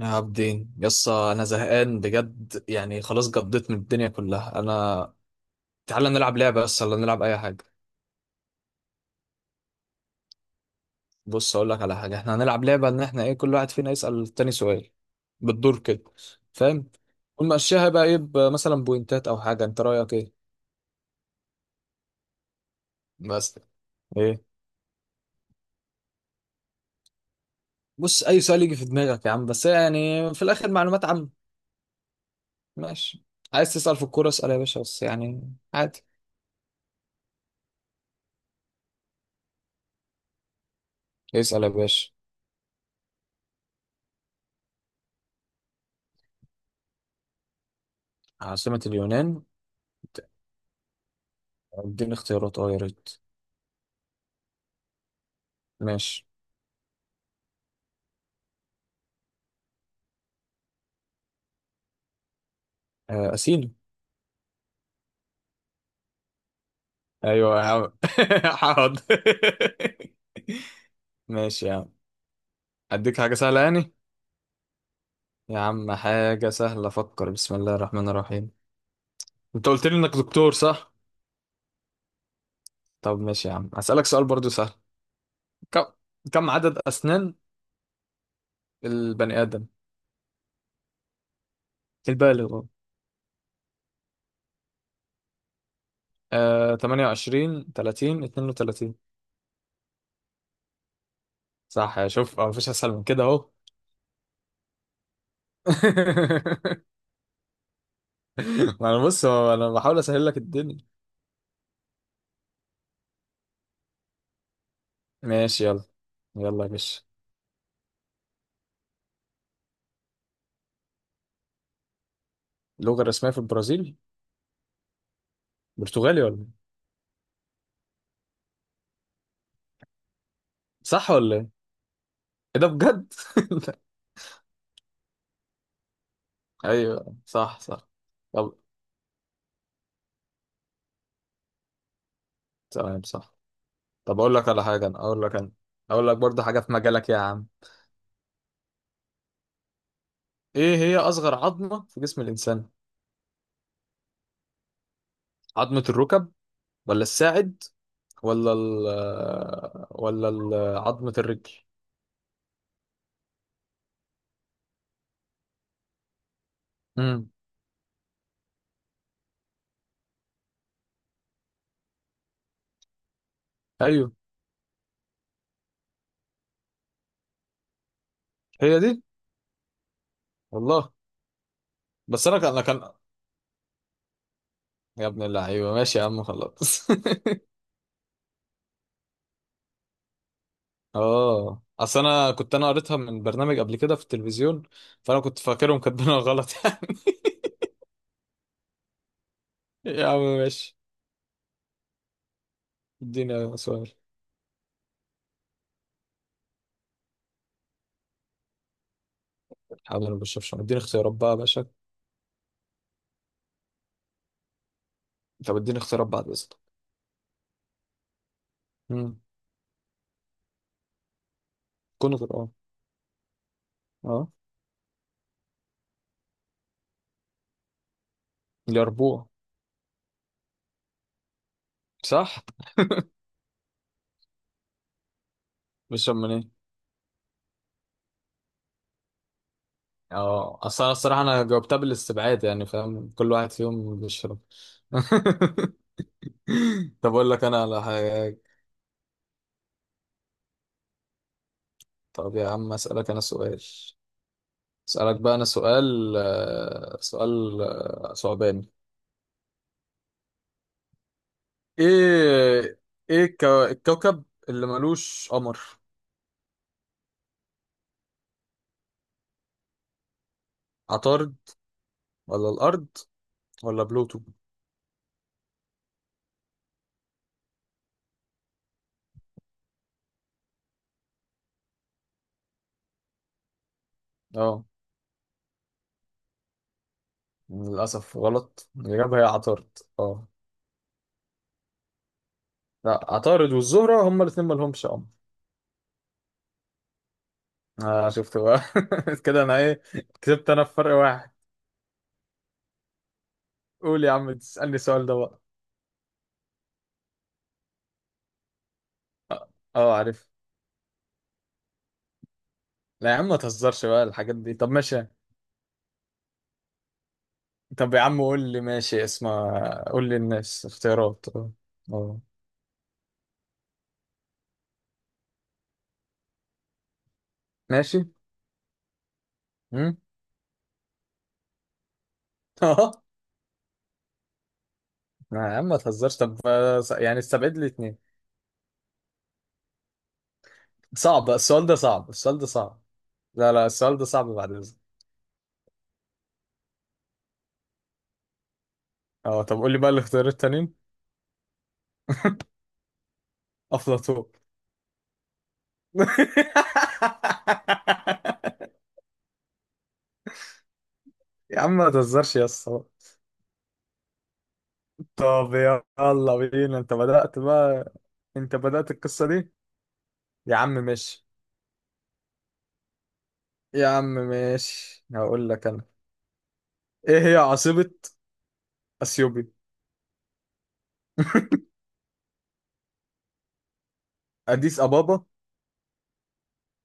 يا عبدين يس انا زهقان بجد يعني خلاص قضيت من الدنيا كلها انا. تعالى نلعب لعبه بس ولا نلعب اي حاجه. بص اقول لك على حاجه، احنا هنلعب لعبه ان احنا ايه، كل واحد فينا يسال التاني سؤال بالدور كده، فاهم. ونمشيها بقى ايه، مثلا بوينتات او حاجه، انت رايك ايه. بس ايه، بص اي سؤال يجي في دماغك يا عم بس يعني في الاخر معلومات عامه. ماشي، عايز تسال في الكوره اسال يا باشا بس يعني عادي. اسال يا باشا. عاصمه اليونان. اديني اختيارات اه يا ريت. ماشي. أسينو. أيوة يا عم. حاضر. ماشي يا عم، أديك حاجة سهلة يعني. يا عم حاجة سهلة، فكر بسم الله الرحمن الرحيم. أنت قلت لي إنك دكتور صح؟ طب ماشي يا عم هسألك سؤال برضو سهل. كم، كم عدد أسنان البني آدم البالغ. آه 28 30 32. صح، يا شوف مفيش أسهل من كده أهو. ما أنا بص هو أنا بحاول أسهل لك الدنيا. ماشي، يلا يلا يا باشا. اللغة الرسمية في البرازيل. برتغالي ولا إيه؟ صح ولا ايه؟ إيه ده بجد؟ ايوه صح صح. طب تمام صح. طب اقول لك على حاجه انا، اقول لك انا. اقول لك برضه حاجه في مجالك يا عم. ايه هي اصغر عظمه في جسم الانسان؟ عظمه الركب، ولا الساعد، ولا عظمه الرجل؟ امم ايوه هي دي. والله بس انا كان. يا ابن اللعيبه ماشي يا عم خلاص. اه اصل انا كنت قريتها من برنامج قبل كده في التلفزيون، فانا كنت فاكرهم كاتبينها غلط. يعني يا عم ماشي. اديني سؤال. حاضر ما بشربش، اديني اختيارات بقى يا باشا. طب اديني اختيارات بعد اذنك. امم كنغر اه. اه اليربوع. صح. بيشرب من ايه. اه اصل انا الصراحه انا جاوبتها بالاستبعاد يعني، فاهم كل واحد فيهم بيشرب. طب اقول لك انا على حاجه. طب يا عم اسالك انا سؤال. اسألك بقى أنا سؤال سؤال صعباني. إيه، إيه الكوكب اللي ملوش قمر. عطارد، ولا الأرض، ولا بلوتو. أه للأسف غلط، الإجابة هي عطارد أه. لا، عطارد والزهرة هما الاتنين ملهمش قمر. آه شفت بقى، كده أنا إيه، كسبت أنا في فرق واحد. قول يا عم تسألني السؤال ده بقى. أه. عارف. لا يا عم ما تهزرش بقى الحاجات دي، طب ماشي. طب يا عم قول لي ماشي اسمع. قول لي الناس اختيارات اه. اه، ماشي. امم. اه. يا عم ما تهزرش، طب يعني استبعد لي اتنين. صعب السؤال ده صعب السؤال ده صعب. لا لا السؤال ده صعب بعد اذنك. اه، طب قول لي بقى الاختيار التانيين. افلاطون. يا عم ما تهزرش يا اسطى. طب يلا بينا انت بدأت بقى. انت بدأت القصة دي. يا عم ماشي. يا عم ماشي هقول لك انا. ايه هي عاصمة اثيوبي. اديس ابابا،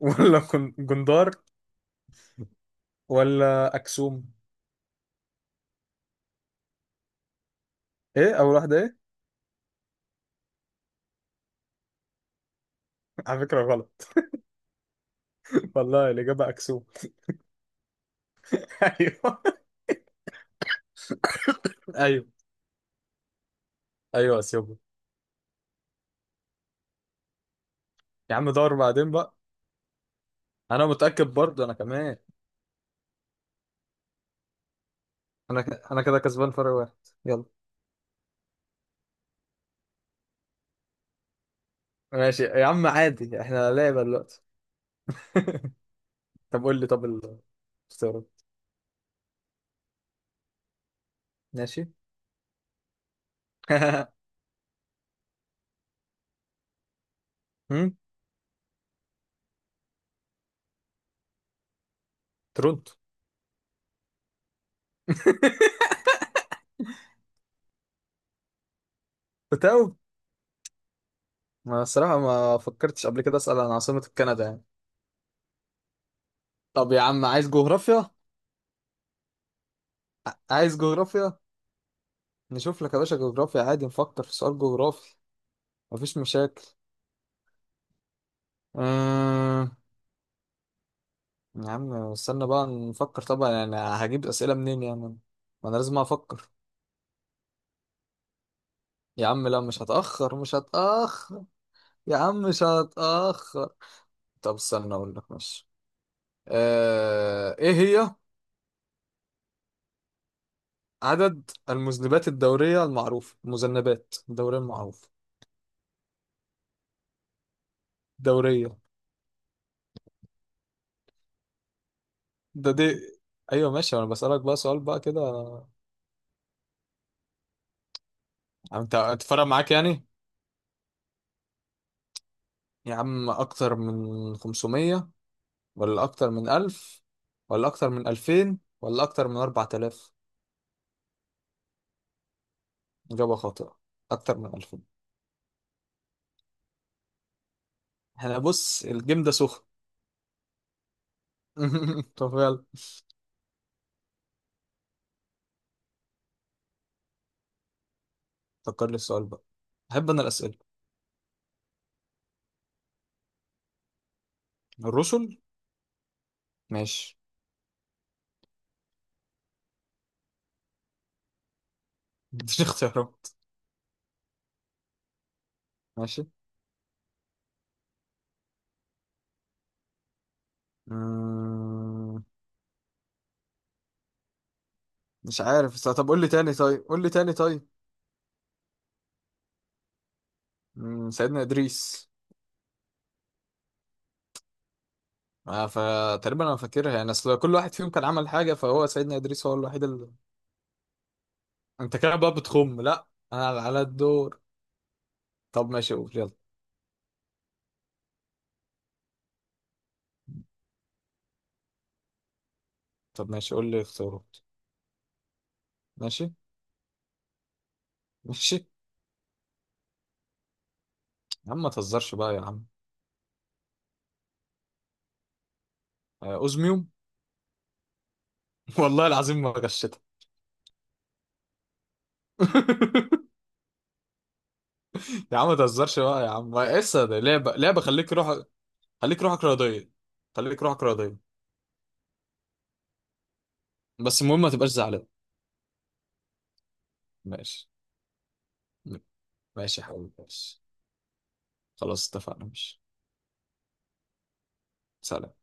ولا جندار، ولا اكسوم. ايه اول واحده ايه. على فكره غلط. والله الاجابه اكسوم. ايوه ايوه. ايوه اثيوبي. يا عم دور بعدين بقى. انا متاكد برضه انا كمان. انا كده كسبان فرق واحد. يلا. ماشي يا عم عادي، احنا لعبه دلوقتي. طب قول لي، طب الاختيارات. ماشي. هم؟ تورونتو. بتاو. ما الصراحة ما فكرتش قبل كده اسأل عن عاصمة كندا يعني. طب يا عم عايز جغرافيا. عايز جغرافيا. نشوف لك يا باشا جغرافيا عادي نفكر في سؤال جغرافي. مفيش مشاكل. أمم، يا عم استنى بقى نفكر، طبعا يعني هجيب أسئلة منين يعني، ما انا لازم افكر. يا عم لا، مش هتأخر مش هتأخر. يا عم مش هتأخر. طب استنى اقول لك ماشي. ايه هي عدد المذنبات الدورية المعروفة، المذنبات الدورية المعروفة. دورية. ده دي. ايوه ماشي انا بسألك بقى سؤال بقى كده. انت هتفرق معاك يعني. يا عم أكتر من 500، ولا أكتر من 1000، ولا أكتر من 2000، ولا أكتر من 4000. إجابة خاطئة، أكتر من 2000. احنا بص الجيم ده سخن. طب يلا. فكر لي السؤال بقى. أحب أنا الأسئلة. الرسل. ماشي. مش اختيارات. ماشي. مم، مش عارف طب قول لي تاني، طيب قول لي تاني طيب. سيدنا إدريس. فتقريبا أنا فاكرها يعني، أصل كل واحد فيهم كان عمل حاجة، فهو سيدنا إدريس هو الوحيد. انت كده بقى بتخم، لا انا على على الدور. طب ماشي قول يلا. طب ماشي قول لي اختيارات. ماشي ماشي. يا عم ما تهزرش بقى يا عم. اوزميوم. والله العظيم ما غشيتها. يا عم ما تهزرش بقى يا عم، لسه ده لعبه، لعبه، خليك روح. خليك روحك رياضيه، خليك روحك رياضيه، بس المهم ما تبقاش زعلان. ماشي. ماشي يا حبيبي ماشي. خلاص اتفقنا ماشي. سلام.